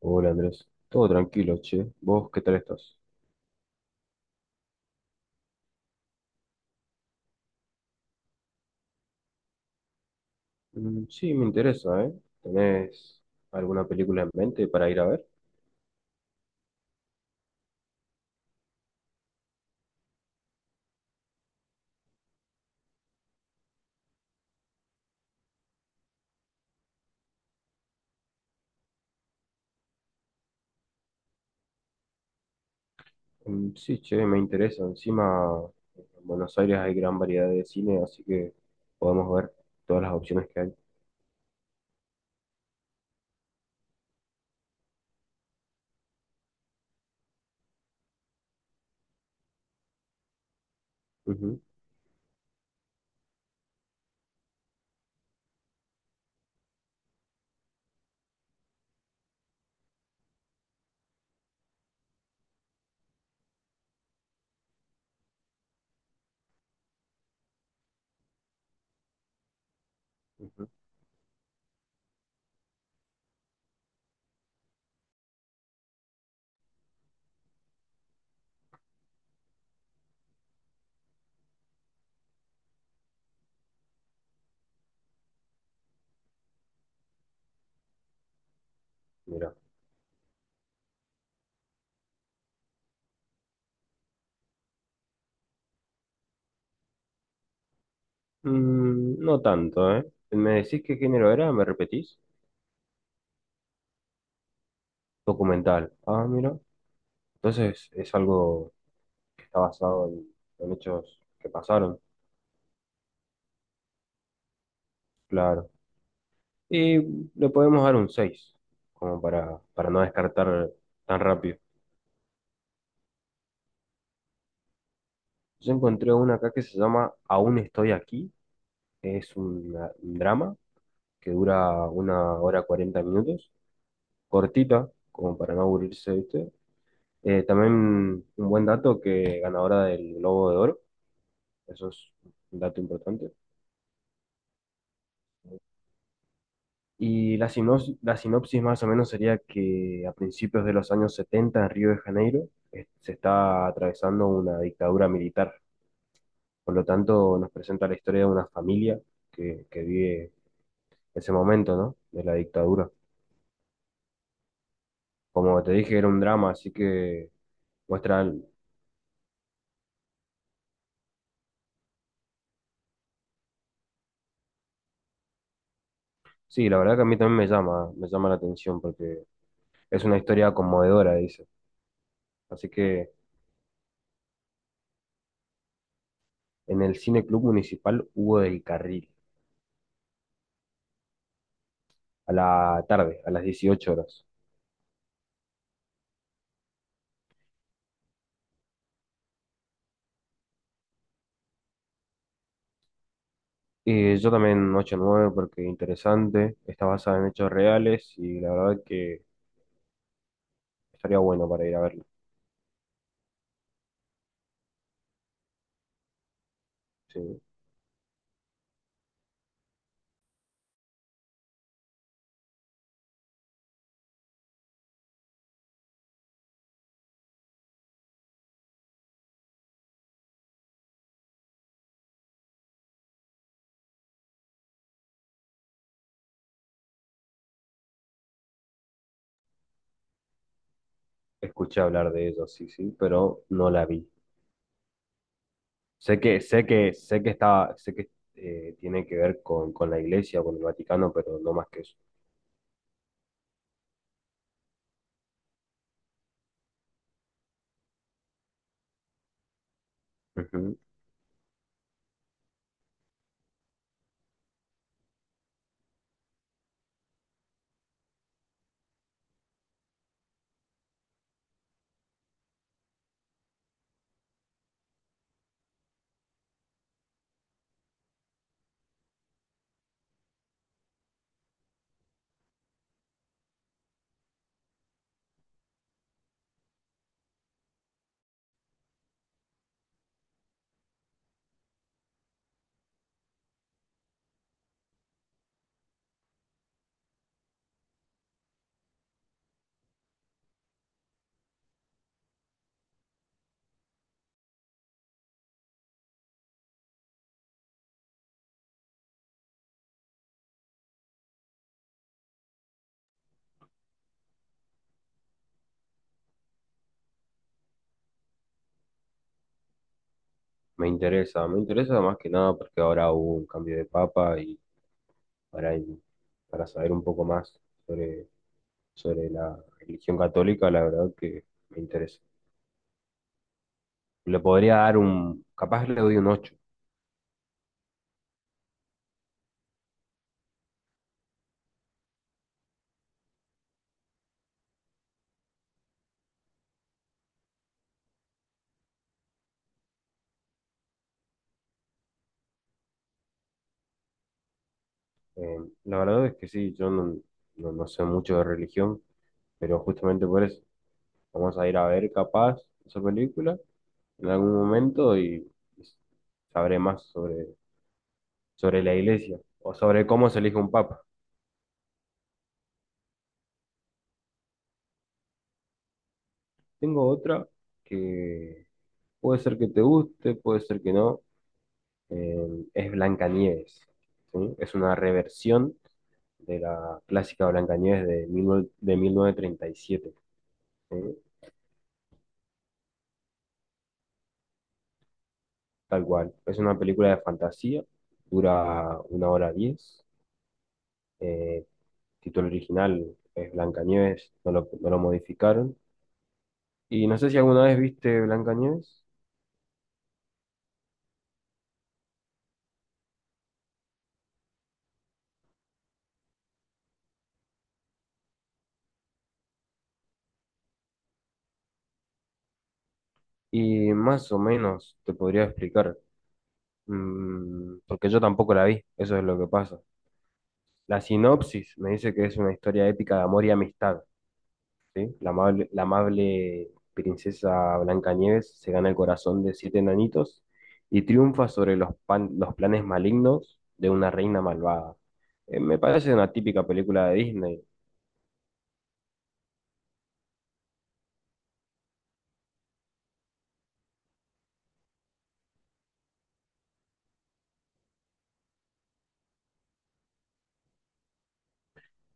Hola Andrés, todo tranquilo, che. ¿Vos qué tal estás? Mm, sí, me interesa, ¿eh? ¿Tenés alguna película en mente para ir a ver? Mm, sí, che, me interesa. Encima, en Buenos Aires hay gran variedad de cine, así que podemos ver todas las opciones que hay. Ujú, ujú. Mira. Mm, no tanto, ¿eh? ¿Me decís qué género era? ¿Me repetís? Documental. Ah, mira. Entonces es algo que está basado en hechos que pasaron. Claro. Y le podemos dar un 6 como para no descartar tan rápido. Yo encontré una acá que se llama Aún estoy aquí. Un drama que dura una hora 40 minutos, cortita, como para no aburrirse, ¿viste? También un buen dato que ganadora del Globo de Oro, eso es un dato importante. Y la sinopsis más o menos sería que a principios de los años 70 en Río de Janeiro se está atravesando una dictadura militar. Por lo tanto, nos presenta la historia de una familia que vive ese momento, ¿no? De la dictadura. Como te dije, era un drama, así que muestra... el- Sí, la verdad que a mí también me llama la atención porque es una historia conmovedora, dice. Así que en el Cine Club Municipal Hugo del Carril, a la tarde, a las 18 horas. Y yo también ocho nueve porque interesante, está basada en hechos reales y la verdad que estaría bueno para ir a verlo. Sí. Escuché hablar de ellos, sí, sí, pero no la vi. Sé que está, sé que tiene que ver con la iglesia, o con el Vaticano, pero no más que eso. Ujú. Me interesa más que nada porque ahora hubo un cambio de papa y para, para saber un poco más sobre, sobre la religión católica, la verdad que me interesa. Le podría dar un, capaz le doy un ocho. Eh, la verdad es que sí, yo no, no sé mucho de religión, pero justamente por eso. Vamos a ir a ver capaz esa película en algún momento y sabré más sobre, sobre la iglesia o sobre cómo se elige un papa. Tengo otra que puede ser que te guste, puede ser que no. Eh, es Blancanieves, ¿sí? Es una reversión de la clásica Blancanieves de 1937, ¿sí? Tal cual. Es una película de fantasía, dura una hora 10. Eh, título original es Blancanieves, no lo modificaron. Y no sé si alguna vez viste Blancanieves y más o menos te podría explicar, mm, porque yo tampoco la vi, eso es lo que pasa. La sinopsis me dice que es una historia épica de amor y amistad, ¿sí? La amable princesa Blancanieves se gana el corazón de siete enanitos y triunfa sobre los planes malignos de una reina malvada. Me parece una típica película de Disney.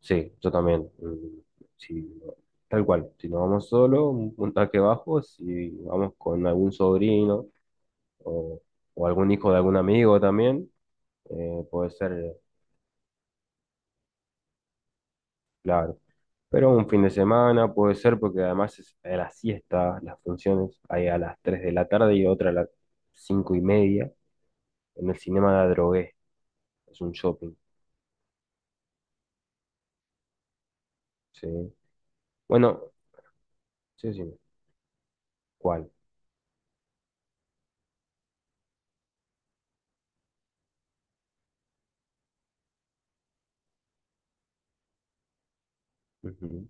Sí, yo también. Mm, sí, no, tal cual. Si no vamos solo, un puntaje bajo. Si vamos con algún sobrino o, o algún hijo de algún amigo también, puede ser, claro. Pero un fin de semana puede ser porque además es a la siesta, las funciones hay a las 3 de la tarde y otra a las 5 y media en el Cinema de la Drogué. Es un shopping. Sí. Bueno, sí, sí. ¿Cuál? Ujú.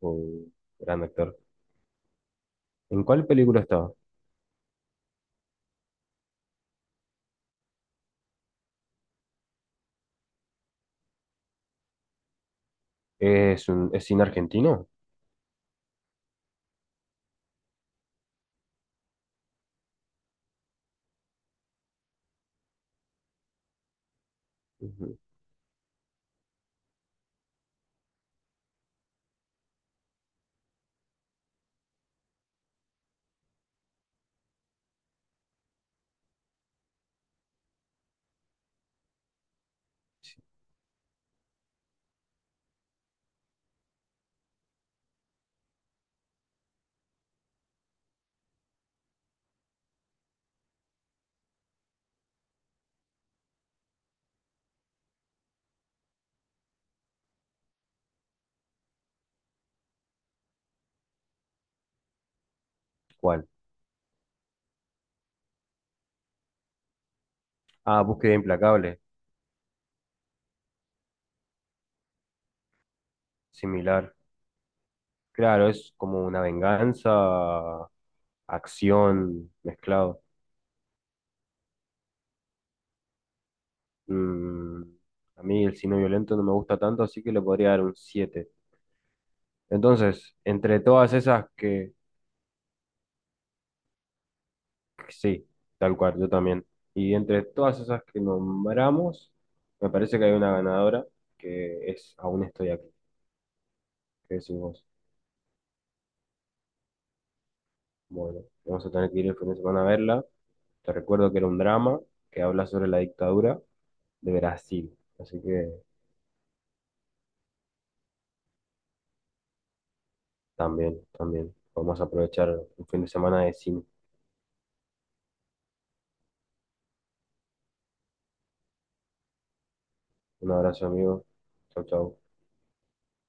Oh, gran actor. ¿En cuál película está? Es un es cine argentino. Ujú. ¿Cuál? Ah, Búsqueda Implacable, similar. Claro, es como una venganza, acción, mezclado. Mm, a mí el cine violento no me gusta tanto, así que le podría dar un siete. Entonces, entre todas esas que sí, tal cual, yo también. Y entre todas esas que, nombramos, me parece que hay una ganadora que es Aún estoy aquí. ¿Qué decís vos? Bueno, vamos a tener que ir el fin de semana a verla. Te recuerdo que era un drama que habla sobre la dictadura de Brasil. Así que también, también. Vamos a aprovechar un fin de semana de cine. Un abrazo, amigo. Chau, chau.